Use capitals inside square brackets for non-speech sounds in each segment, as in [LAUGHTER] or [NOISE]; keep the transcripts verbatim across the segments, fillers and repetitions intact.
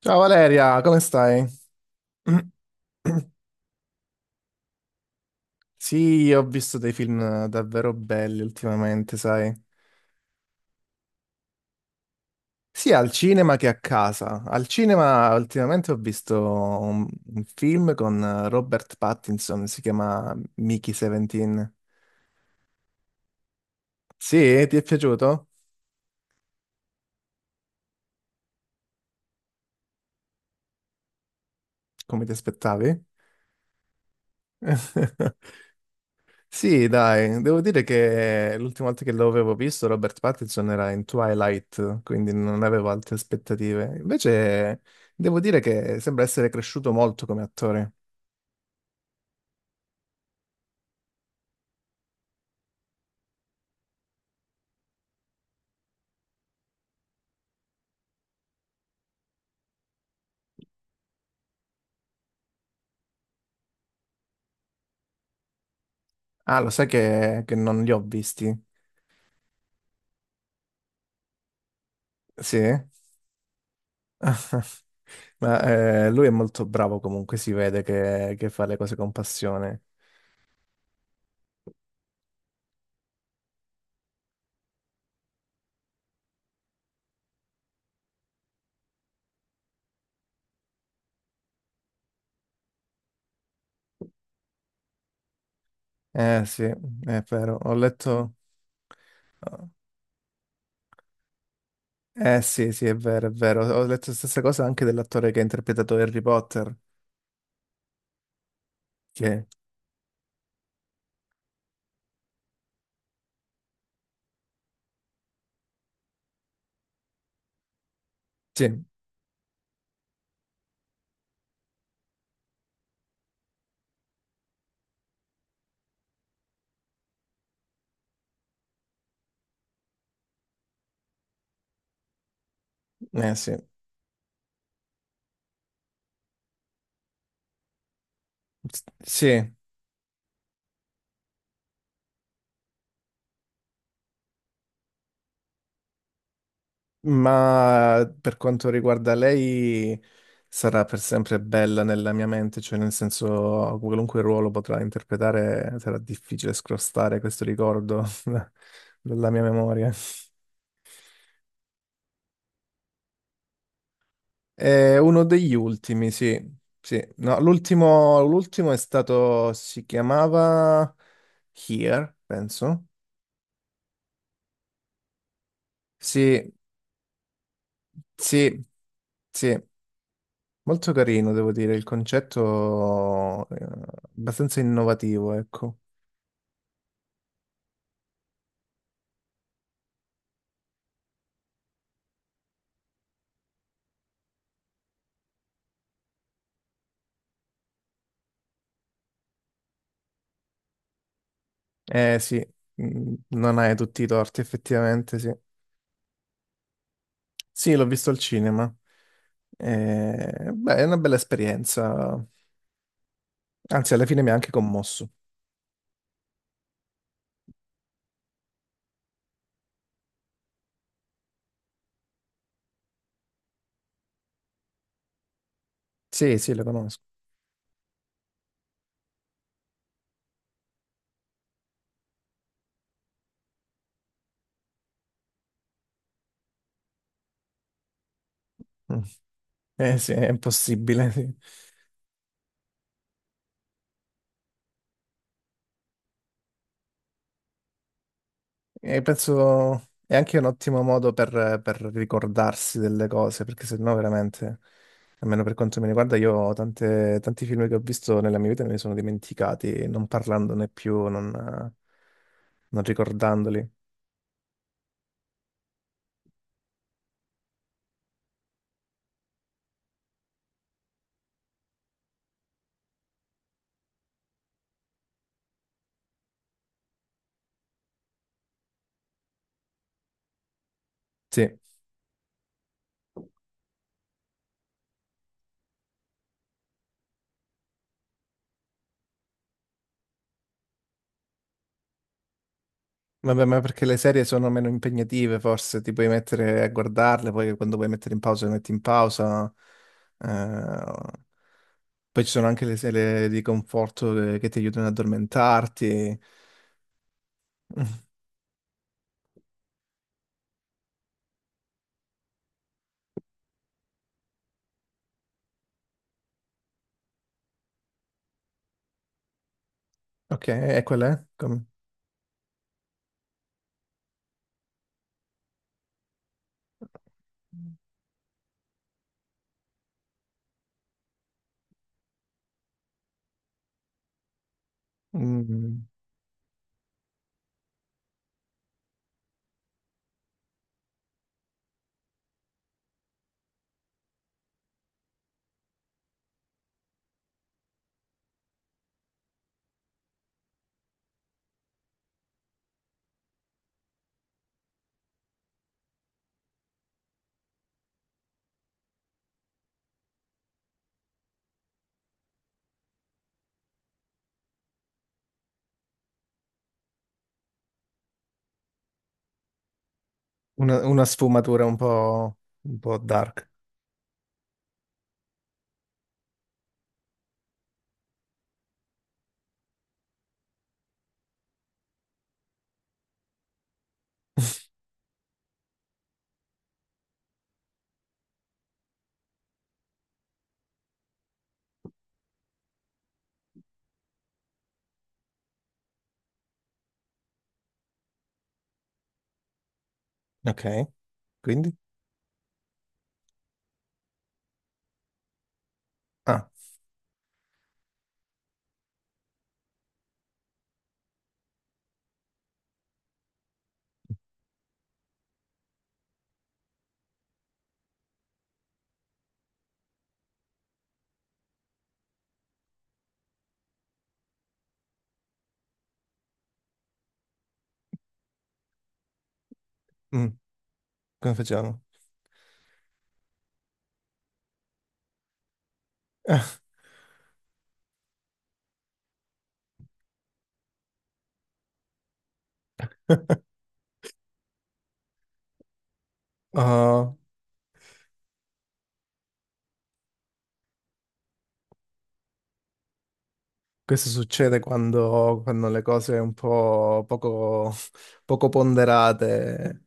Ciao Valeria, come stai? [CLEARS THROAT] Sì, ho visto dei film davvero belli ultimamente, sai? Sia al cinema che a casa. Al cinema ultimamente ho visto un, un film con eh, Robert Pattinson, si chiama Mickey diciassette. Sì, ti è piaciuto? Come ti aspettavi? [LAUGHS] Sì, dai, devo dire che l'ultima volta che l'avevo visto Robert Pattinson era in Twilight, quindi non avevo altre aspettative. Invece devo dire che sembra essere cresciuto molto come attore. Ah, lo sai che, che non li ho visti? Sì? [LAUGHS] Ma eh, lui è molto bravo comunque, si vede che, che fa le cose con passione. Eh sì, è vero, ho letto... Eh sì, sì, è vero, è vero. Ho letto la stessa cosa anche dell'attore che ha interpretato Harry Potter. Che... Sì, eh sì. S- Sì, ma per quanto riguarda lei sarà per sempre bella nella mia mente, cioè nel senso qualunque ruolo potrà interpretare sarà difficile scrostare questo ricordo [LAUGHS] dalla mia memoria. È uno degli ultimi, sì. Sì. No, l'ultimo l'ultimo è stato, si chiamava Here, penso. Sì, sì, sì. Molto carino, devo dire, il concetto è abbastanza innovativo, ecco. Eh sì, mm, non hai tutti i torti, effettivamente, sì. Sì, l'ho visto al cinema. Eh, beh, è una bella esperienza. Anzi, alla fine mi ha anche commosso. Sì, sì, lo conosco. Mm. Eh sì, è impossibile. Sì. E penso è anche un ottimo modo per, per ricordarsi delle cose, perché sennò veramente, almeno per quanto mi riguarda, io ho tante- tanti film che ho visto nella mia vita e me li sono dimenticati, non parlandone più, non, non ricordandoli. Sì. Vabbè, ma perché le serie sono meno impegnative, forse ti puoi mettere a guardarle, poi quando vuoi mettere in pausa, le metti in pausa. Eh, poi ci sono anche le serie di conforto eh, che ti aiutano ad addormentarti. [LAUGHS] Mm, ok, e quella è? Come... Mm, Una, una sfumatura un po', un po' dark. [LAUGHS] Ok, quindi? Ah, mm, come facciamo? [LAUGHS] Ah, questo succede quando, quando le cose un po' poco, poco ponderate,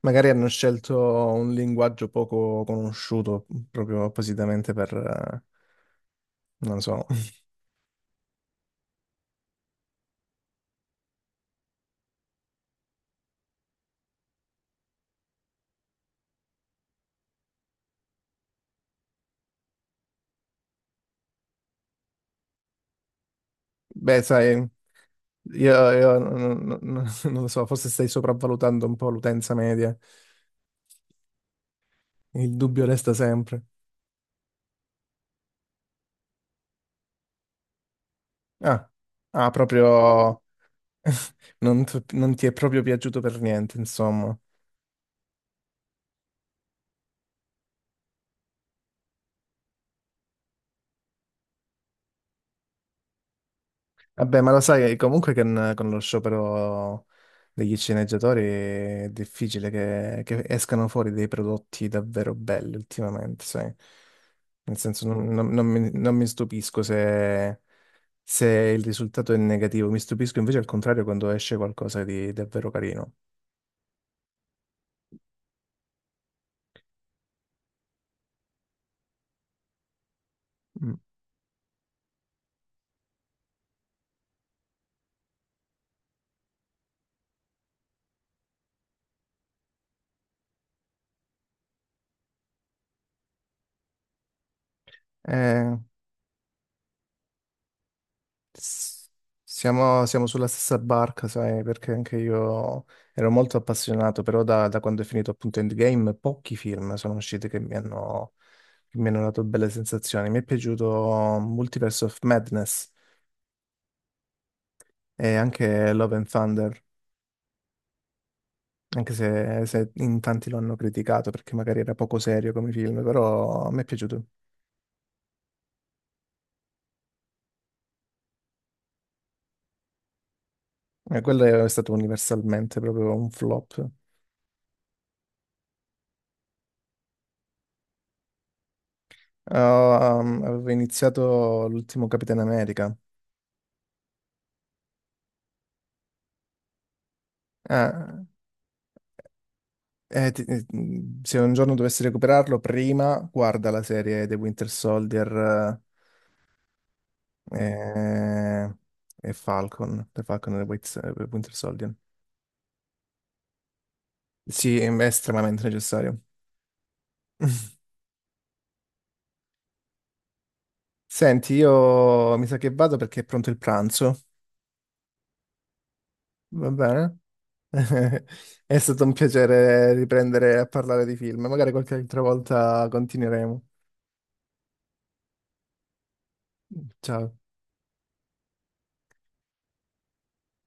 magari hanno scelto un linguaggio poco conosciuto proprio appositamente per, eh, non lo so. Beh, sai, io, io non, non- non- [LAUGHS] non lo so, forse stai sopravvalutando un po' l'utenza media. Il dubbio resta sempre. Ah, ah, proprio [LAUGHS] non, t- non ti è proprio piaciuto per niente, insomma. Vabbè, ma lo sai comunque che n- con lo sciopero degli sceneggiatori è difficile che, che escano fuori dei prodotti davvero belli ultimamente, sai? Nel senso, non, non- non mi, non mi stupisco se, se il risultato è negativo, mi stupisco invece al contrario quando esce qualcosa di davvero carino. Mm. Eh, S- siamo, siamo sulla stessa barca, sai, perché anche io ero molto appassionato, però da, da quando è finito appunto Endgame pochi film sono usciti che mi hanno, che mi hanno dato belle sensazioni. Mi è piaciuto Multiverse of Madness e anche Love and Thunder, anche se, se in tanti lo hanno criticato perché magari era poco serio come film, però mi è piaciuto. E quello è stato universalmente proprio un flop. Ehm, avevo iniziato l'ultimo Capitan America. Ah, eh, ti- eh, mm, se un giorno dovessi recuperarlo, prima guarda la serie The Winter Soldier eh, e Falcon, The Falcon e The White- eh, Winter Soldier. Sì, è estremamente necessario. [LAUGHS] Senti, io mi sa che vado perché è pronto il pranzo, va bene? [LAUGHS] È stato un piacere riprendere a parlare di film, magari qualche altra volta continueremo. Ciao.